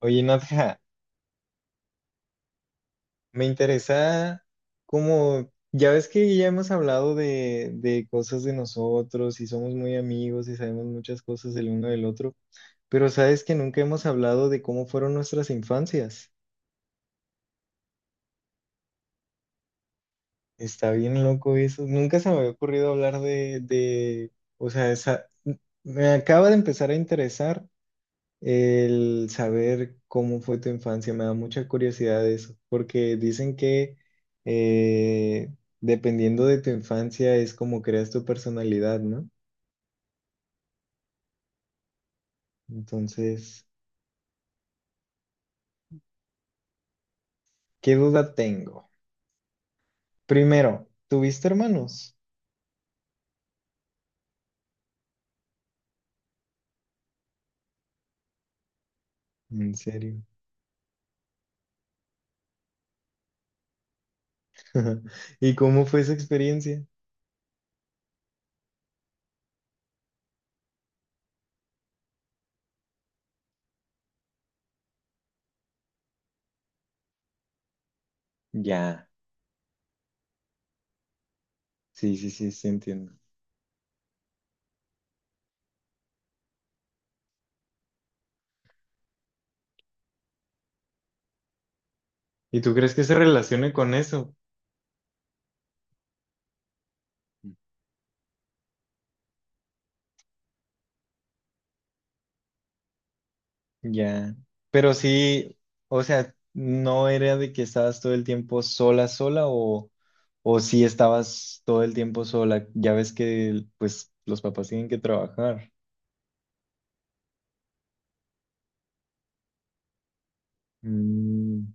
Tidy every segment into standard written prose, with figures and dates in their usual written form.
Oye, Nadja, me interesa como, ya ves que ya hemos hablado de cosas de nosotros y somos muy amigos y sabemos muchas cosas del uno del otro, pero sabes que nunca hemos hablado de cómo fueron nuestras infancias. Está bien loco eso. Nunca se me había ocurrido hablar de, o sea, esa, me acaba de empezar a interesar el saber cómo fue tu infancia, me da mucha curiosidad de eso, porque dicen que eh, dependiendo de tu infancia es como creas tu personalidad, ¿no? Entonces, ¿qué duda tengo? Primero, ¿tuviste hermanos? En serio. ¿Y cómo fue esa experiencia? Ya, sí, sí, sí, sí, entiendo. ¿Y tú crees que se relacione con eso? Ya, pero sí, o sea, no era de que estabas todo el tiempo sola, sola, o sí estabas todo el tiempo sola. Ya ves que pues los papás tienen que trabajar. Mm,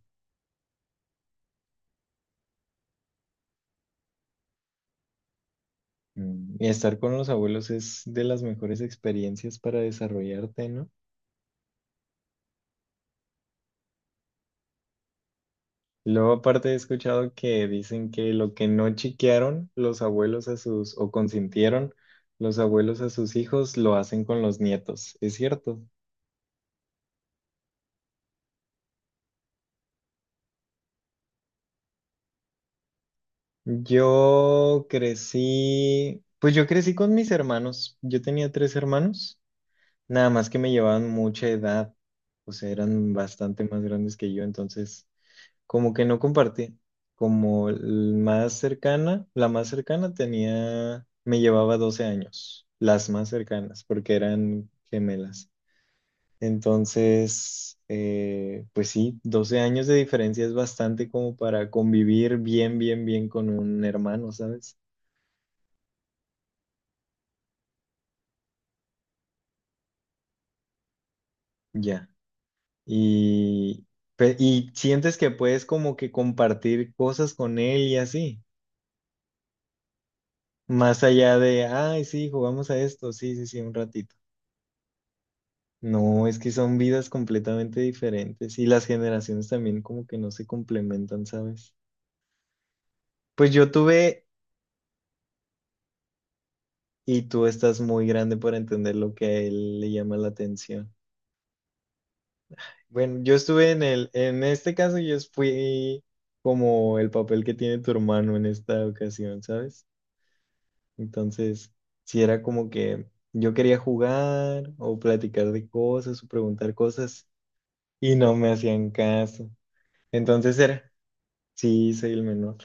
mm. Y estar con los abuelos es de las mejores experiencias para desarrollarte, ¿no? Luego aparte he escuchado que dicen que lo que no chiquearon los abuelos a sus, o consintieron los abuelos a sus hijos, lo hacen con los nietos. ¿Es cierto? Yo crecí, pues yo crecí con mis hermanos. Yo tenía tres hermanos, nada más que me llevaban mucha edad, o sea, eran bastante más grandes que yo, entonces como que no compartí. Como el más cercana, la más cercana tenía, me llevaba 12 años, las más cercanas, porque eran gemelas. Entonces, pues sí, 12 años de diferencia es bastante como para convivir bien, bien, bien con un hermano, ¿sabes? Ya. Y, y sientes que puedes como que compartir cosas con él y así, más allá de, ay, sí, jugamos a esto, sí, sí, sí, un ratito. No, es que son vidas completamente diferentes y las generaciones también como que no se complementan, ¿sabes? Pues yo tuve, y tú estás muy grande para entender lo que a él le llama la atención. Bueno, yo estuve en el, en este caso yo fui como el papel que tiene tu hermano en esta ocasión, ¿sabes? Entonces, si era como que yo quería jugar o platicar de cosas o preguntar cosas y no me hacían caso. Entonces era, sí, soy el menor.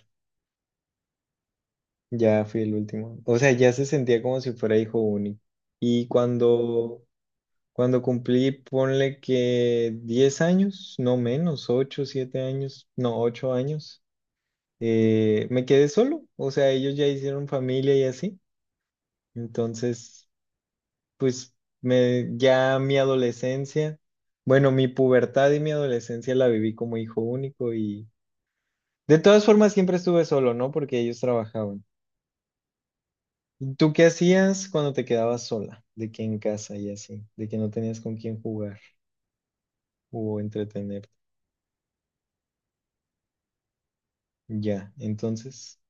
Ya fui el último. O sea, ya se sentía como si fuera hijo único. Y cuando cumplí, ponle que 10 años, no, menos, 8 7 años, no, 8 años, me quedé solo. O sea, ellos ya hicieron familia y así. Entonces pues me, ya mi adolescencia, bueno, mi pubertad y mi adolescencia la viví como hijo único, y de todas formas siempre estuve solo, ¿no? Porque ellos trabajaban. ¿Y ¿tú qué hacías cuando te quedabas sola? De que en casa y así, de que no tenías con quién jugar o entretenerte. Ya, entonces,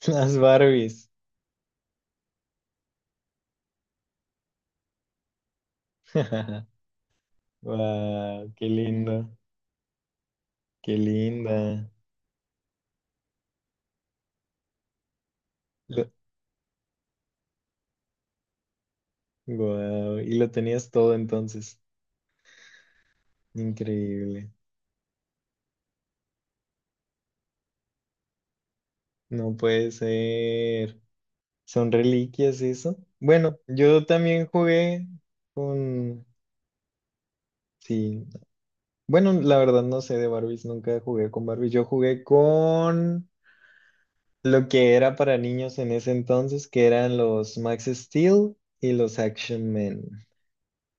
las Barbies. Wow, qué lindo, qué linda. Wow, y lo tenías todo entonces. Increíble. No puede ser. Son reliquias eso. Bueno, yo también jugué con... Sí. Bueno, la verdad no sé de Barbies, nunca jugué con Barbies. Yo jugué con lo que era para niños en ese entonces, que eran los Max Steel y los Action Men.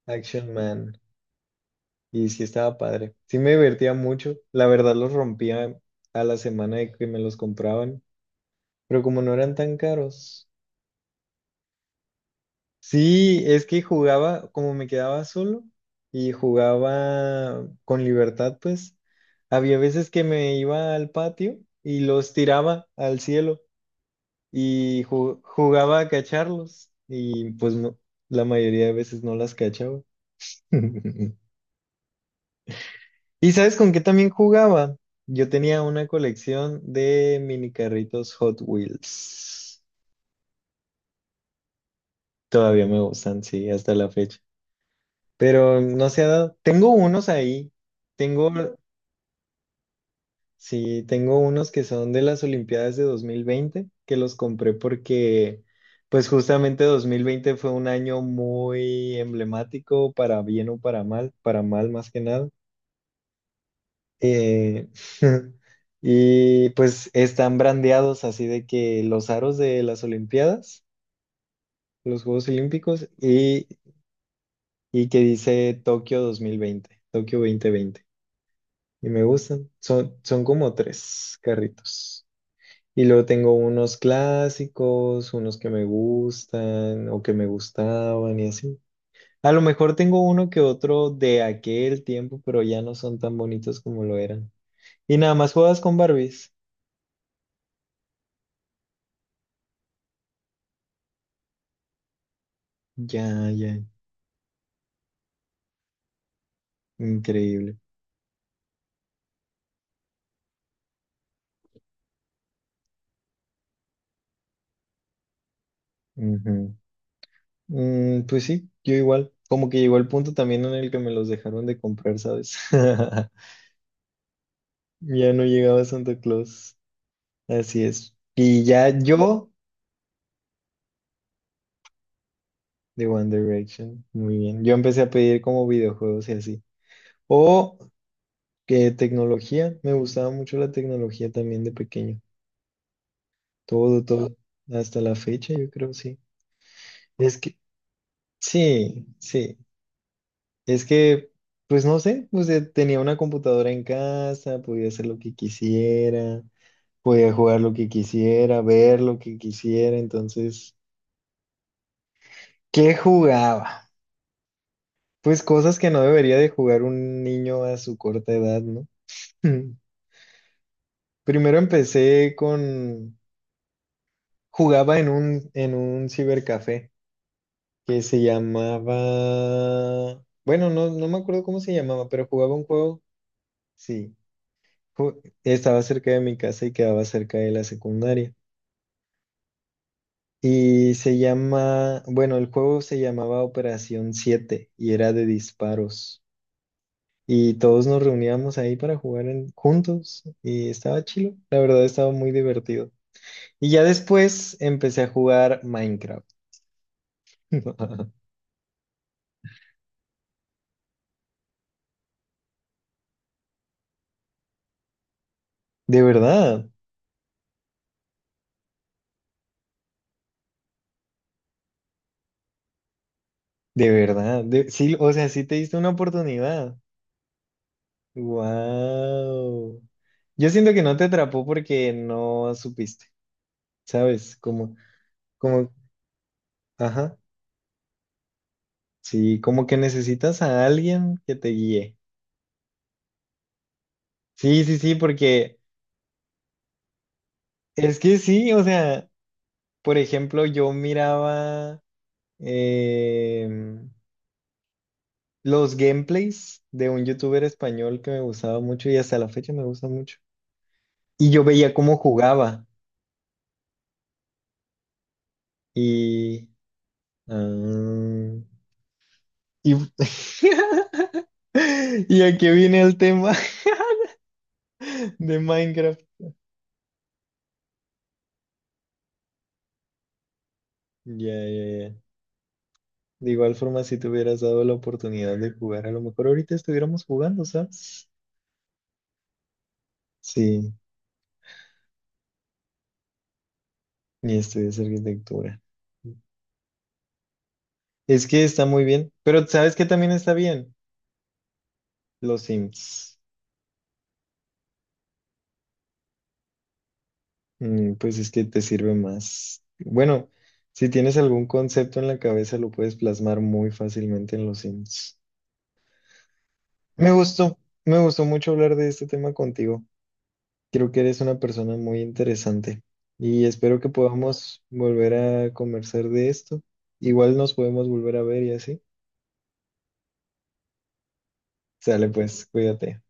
Action Man. Y sí estaba padre. Sí me divertía mucho. La verdad los rompía a la semana de que me los compraban. Pero como no eran tan caros. Sí, es que jugaba, como me quedaba solo y jugaba con libertad, pues había veces que me iba al patio y los tiraba al cielo y jugaba a cacharlos y pues no, la mayoría de veces no las cachaba. ¿Y sabes con qué también jugaba? Yo tenía una colección de mini carritos Hot Wheels. Todavía me gustan, sí, hasta la fecha. Pero no se ha dado. Tengo unos ahí, tengo, sí, tengo unos que son de las Olimpiadas de 2020, que los compré porque, pues justamente 2020 fue un año muy emblemático, para bien o para mal más que nada. Eh, y pues están brandeados así de que los aros de las Olimpiadas, los Juegos Olímpicos, y que dice Tokio 2020, Tokio 2020. Y me gustan. Son como tres carritos. Y luego tengo unos clásicos, unos que me gustan o que me gustaban y así. A lo mejor tengo uno que otro de aquel tiempo, pero ya no son tan bonitos como lo eran. Y nada más juegas con Barbies. Ya, ya. Increíble. Ujú. Mm, pues sí, yo igual. Como que llegó el punto también en el que me los dejaron de comprar, ¿sabes? Ya no llegaba Santa Claus. Así es. Y ya yo de One Direction. Muy bien. Yo empecé a pedir como videojuegos y así. O que tecnología. Me gustaba mucho la tecnología también de pequeño. Todo, todo. Hasta la fecha, yo creo, sí. Es que, sí, sí. Es que, pues no sé, pues tenía una computadora en casa, podía hacer lo que quisiera, podía jugar lo que quisiera, ver lo que quisiera. Entonces, ¿qué jugaba? Pues cosas que no debería de jugar un niño a su corta edad, ¿no? Primero empecé con, jugaba en un, cibercafé que se llamaba, bueno, no, no me acuerdo cómo se llamaba, pero jugaba un juego, sí, estaba cerca de mi casa y quedaba cerca de la secundaria. Y se llama, bueno, el juego se llamaba Operación siete y era de disparos. Y todos nos reuníamos ahí para jugar juntos y estaba chido, la verdad estaba muy divertido. Y ya después empecé a jugar Minecraft. De verdad, de verdad. Sí, o sea, sí te diste una oportunidad. Wow. Yo siento que no te atrapó porque no supiste, ¿sabes? Como, como, ajá. Sí, como que necesitas a alguien que te guíe. Sí, sí, sí, porque es que sí, o sea, por ejemplo, yo miraba em, los gameplays de un youtuber español que me gustaba mucho y hasta la fecha me gusta mucho. Y yo veía cómo jugaba. Y, ah, y, y aquí viene el tema de Minecraft. Ya, ya, ya. De igual forma, si te hubieras dado la oportunidad de jugar, a lo mejor ahorita estuviéramos jugando, ¿sabes? Sí, y estudias arquitectura. Es que está muy bien, pero ¿sabes qué también está bien? Los Sims. Mm, pues es que te sirve más. Bueno, si tienes algún concepto en la cabeza, lo puedes plasmar muy fácilmente en los Sims. Me gustó, me gustó mucho hablar de este tema contigo. Creo que eres una persona muy interesante y espero que podamos volver a conversar de esto. Igual nos podemos volver a ver y así. Sale pues, cuídate.